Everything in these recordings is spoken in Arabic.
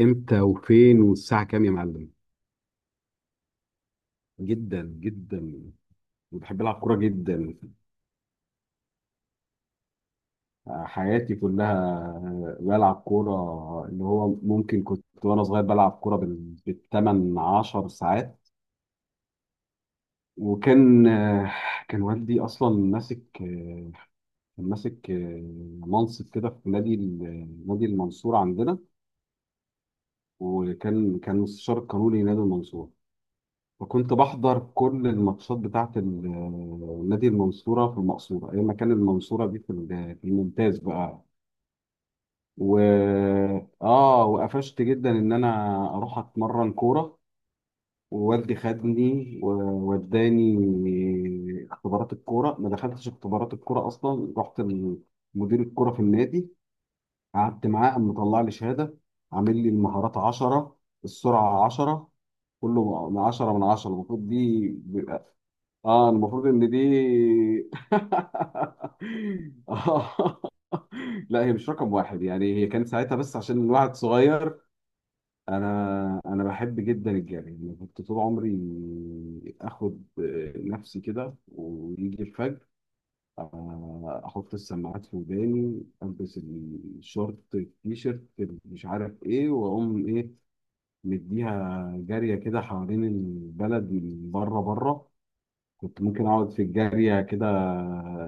امتى وفين والساعة كام يا معلم؟ جدا جدا. وبحب العب كورة جدا. حياتي كلها بلعب كورة. اللي هو ممكن كنت وانا صغير بلعب كورة بالتمن عشر ساعات. وكان آه، كان والدي اصلا ماسك آه، كان ماسك منصب كده في نادي نادي المنصورة عندنا. وكان مستشار قانوني نادي المنصورة. وكنت بحضر كل الماتشات بتاعت نادي المنصورة في المقصورة أيام ما كان المنصورة دي في الممتاز بقى. و آه وقفشت جدا إن أنا أروح أتمرن كورة. ووالدي خدني ووداني اختبارات الكورة. ما دخلتش اختبارات الكورة أصلا، رحت لمدير الكورة في النادي، قعدت معاه قام مطلع لي شهادة، عامل لي المهارات 10، السرعة 10، كله 10 من 10 المفروض دي. اه المفروض ان دي. آه. لا هي مش رقم واحد يعني، هي كانت ساعتها بس عشان الواحد صغير. انا بحب جدا الجري، أنا كنت طول عمري اخد نفسي كده ويجي الفجر. احط السماعات في وداني، البس الشورت التيشيرت، مش عارف ايه، واقوم ايه، مديها جاريه كده حوالين البلد من بره بره. كنت ممكن اقعد في الجارية كده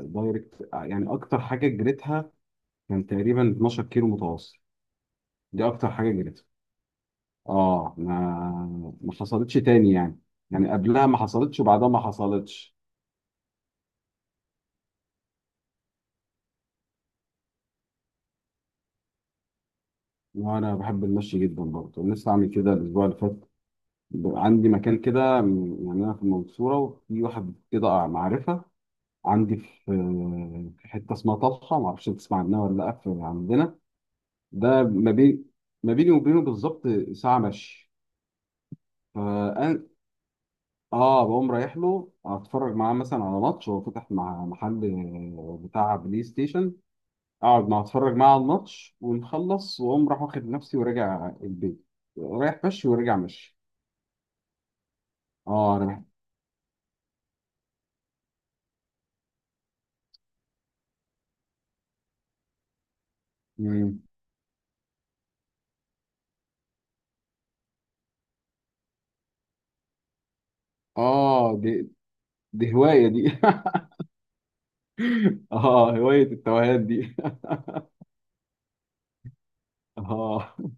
دايركت، يعني اكتر حاجة جريتها كان تقريبا 12 كيلو متواصل. دي اكتر حاجة جريتها. اه ما حصلتش تاني يعني، يعني قبلها ما حصلتش وبعدها ما حصلتش. وانا بحب المشي جدا برضه، لسه عامل كده الاسبوع اللي فات. عندي مكان كده، يعني انا في المنصورة، وفي واحد كده معرفة عندي في حتة اسمها طلحة، ما اعرفش تسمع عنها ولا لا، عندنا. ده ما بيني وبينه بالظبط ساعة مشي. فأنا اه بقوم رايح له اتفرج معاه مثلا على ماتش، هو فتح مع محل بتاع بلاي ستيشن، اقعد معاه اتفرج معاه على الماتش ونخلص واقوم راح واخد نفسي وراجع البيت. رايح مشي وراجع مشي. اه انا بح- مم. اه دي هواية دي. اه هواية التوهان دي. اه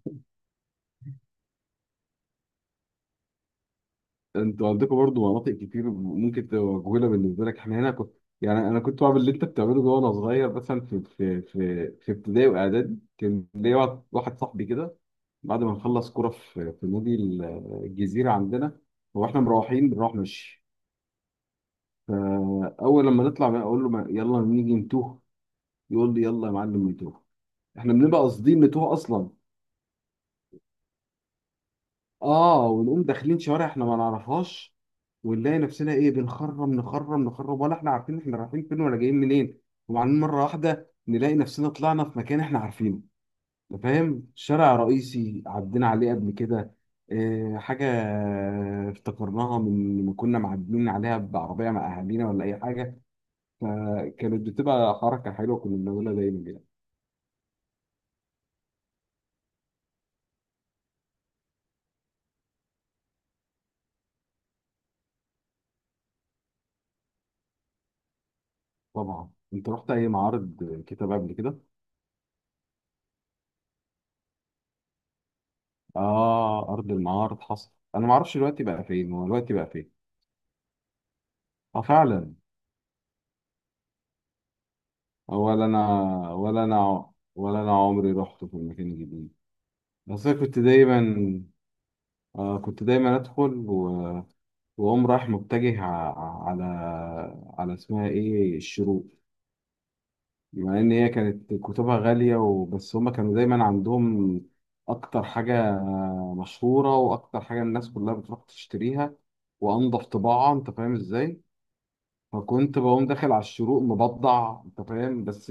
انتوا عندكم برضو مناطق كتير ممكن تبقى مجهوله بالنسبه لك. احنا هنا يعني انا كنت بعمل اللي انت بتعمله ده وانا صغير، مثلا في ابتدائي واعدادي كان ليا واحد صاحبي كده. بعد ما نخلص كوره في نادي الجزيره عندنا، واحنا مروحين بنروح مشي. فاول لما نطلع بقى اقول له، يلا نيجي نتوه، يقول لي يلا يا معلم نتوه، احنا بنبقى قاصدين نتوه اصلا. اه ونقوم داخلين شوارع احنا ما نعرفهاش، ونلاقي نفسنا ايه، بنخرم نخرم نخرم، ولا احنا عارفين احنا رايحين فين ولا جايين منين. وبعدين مره واحده نلاقي نفسنا طلعنا في مكان احنا عارفينه، انت فاهم، شارع رئيسي عدينا عليه قبل كده. اه حاجه افتكرناها من ما كنا معديين عليها بعربيه مع اهالينا ولا اي حاجه. فكانت بتبقى حركه حلوه كنا بنعملها دايما كده. طبعا انت رحت اي معارض كتاب قبل كده؟ اه ارض المعارض حصل انا ما اعرفش دلوقتي بقى فين، هو دلوقتي بقى فين. اه فعلا. ولا انا، ولا انا عمري رحت في المكان الجديد. بس انا كنت دايما ادخل واقوم رايح متجه على اسمها ايه الشروق، بما ان هي كانت كتبها غاليه وبس هما كانوا دايما عندهم اكتر حاجه مشهوره واكتر حاجه الناس كلها بتروح تشتريها، وانضف طباعه، انت فاهم ازاي. فكنت بقوم داخل على الشروق مبضع، انت فاهم، بس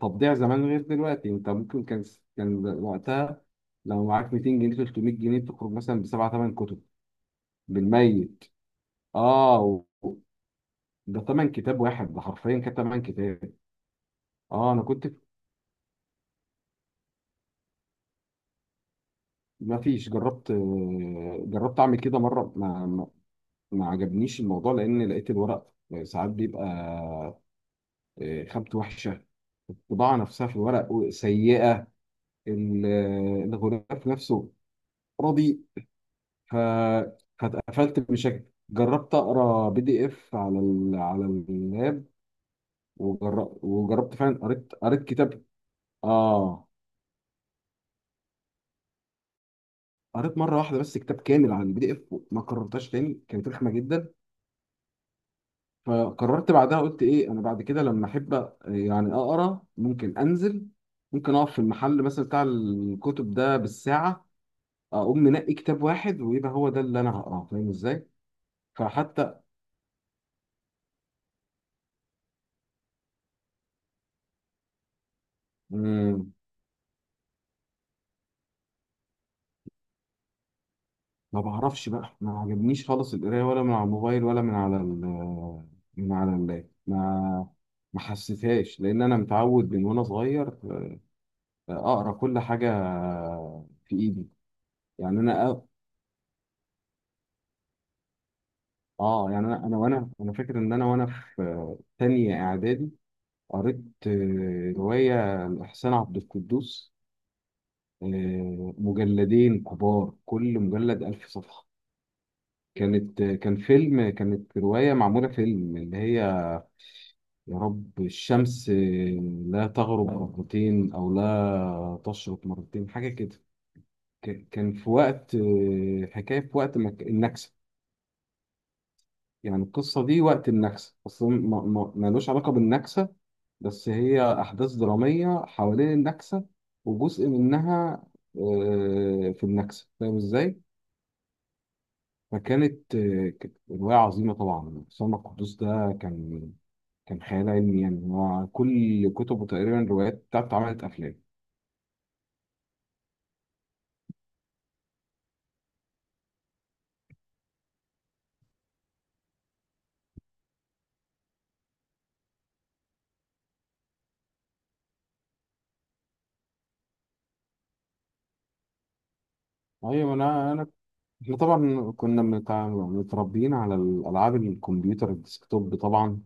تبضيع زمان غير دلوقتي. انت ممكن كان وقتها لو معاك 200 جنيه 300 جنيه تخرج مثلا بسبعة ثمان كتب بالميت. اه و- ده ثمن كتاب واحد، ده حرفيا كان ثمن كتاب. اه انا كنت ما فيش، جربت اعمل كده مره، ما عجبنيش الموضوع، لان لقيت الورق ساعات بيبقى خامته وحشه، الطباعه نفسها في الورق سيئه، ال- الغلاف نفسه راضي. ف فاتقفلت بشكل. جربت اقرا بي دي اف على اللاب، وجربت فعلا، قريت قريت كتاب. اه قريت مره واحده بس كتاب كامل عن البي دي اف، ما قررتهاش تاني، كانت رخمه جدا. فقررت بعدها قلت ايه انا بعد كده لما احب يعني اقرا ممكن انزل، ممكن اقف في المحل مثلا بتاع الكتب ده بالساعه، اقوم منقي كتاب واحد ويبقى هو ده اللي انا هقراه، فاهم ازاي؟ فحتى مم. ما بعرفش بقى، ما عجبنيش خالص القرايه ولا من على الموبايل ولا من على ال، من على اللاب، ما حسيتهاش، لان انا متعود من وانا صغير اقرا كل حاجه في ايدي. يعني انا اه يعني انا فاكر ان انا في تانية اعدادي قريت روايه لاحسان عبد القدوس، مجلدين كبار كل مجلد 1000 صفحه. كان فيلم، كانت روايه معموله فيلم اللي هي، يا رب الشمس لا تغرب مرتين، أو لا تشرق مرتين، حاجة كده. كان في وقت، حكاية في وقت النكسة، يعني القصة دي وقت النكسة أصلا ملوش علاقة بالنكسة، بس هي أحداث درامية حوالين النكسة، وجزء منها في النكسة، فاهم إزاي؟ فكانت آه، كانت رواية عظيمة طبعا. سلمى القدوس ده كان كان خيال علمي، يعني هو كل كتبه تقريبا الروايات بتاعته اتعملت أفلام. أيوة أنا أنا إحنا طبعا كنا متربيين على الألعاب، الكمبيوتر الديسكتوب طبعا،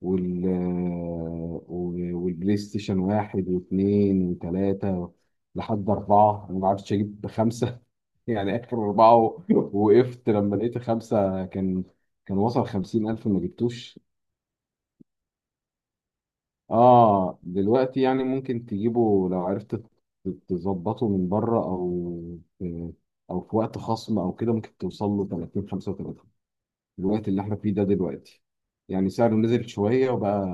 والبلاي ستيشن واحد واثنين وثلاثة لحد أربعة. أنا ما عرفتش أجيب خمسة يعني آخر أربعة وقفت. لما لقيت خمسة كان وصل 50,000، ما جبتوش. اه دلوقتي يعني ممكن تجيبه لو عرفت تظبطه من بره، او في، او في وقت خصم او كده ممكن توصل له 30 35. الوقت اللي احنا فيه ده دلوقتي يعني سعره نزل شويه وبقى،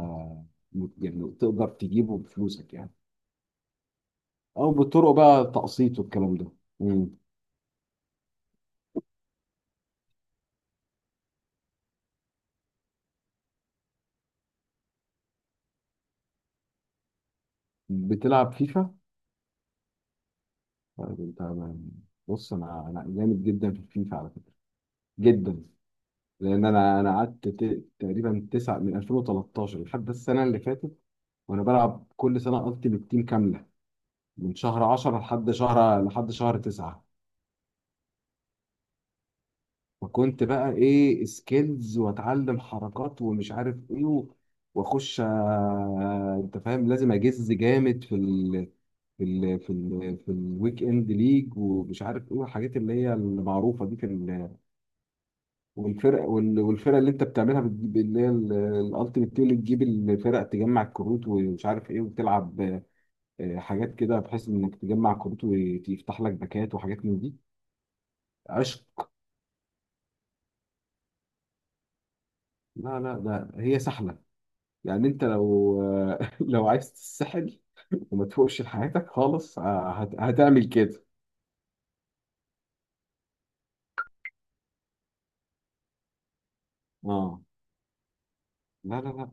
يعني تقدر تجيبه بفلوسك يعني، او بالطرق بقى تقسيط والكلام ده. مم. بتلعب فيفا؟ طيب انت، بص انا جامد جدا في الفيفا على فكره، جدا. لان انا قعدت تقريبا تسعة من 2013 لحد السنه اللي فاتت، وانا بلعب كل سنه التيمت تيم كامله من شهر 10 لحد شهر 9. فكنت بقى ايه سكيلز، واتعلم حركات ومش عارف ايه واخش انت فاهم، لازم اجز جامد في الويك اند ليج، ومش عارف ايه الحاجات اللي هي المعروفه دي في ال، والفرق والفرق اللي انت بتعملها، بتجيب اللي هي الالتيمت تيم، اللي تجيب الفرق، تجمع الكروت ومش عارف ايه، وتلعب حاجات كده بحيث انك تجمع كروت ويفتح لك باكات وحاجات من دي. عشق. لا لا ده هي سحله يعني. انت لو لو عايز تتسحل وما تفوقش لحياتك خالص هتعمل كده. اه. لا لا لا.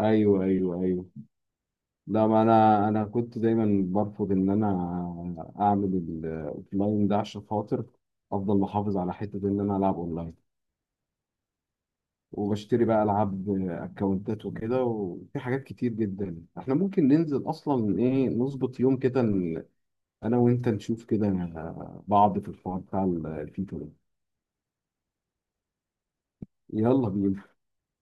ايوه ايوه ايوه. لا ما انا كنت دايما برفض ان انا اعمل الاوفلاين ده، عشان خاطر افضل محافظ على حته ان انا العب اونلاين. وبشتري بقى العاب اكونتات وكده. وفي حاجات كتير جدا احنا ممكن ننزل اصلا ايه، نظبط يوم كده انا وانت نشوف كده بعض في الحوار بتاع الفيفا ده. يلا بينا.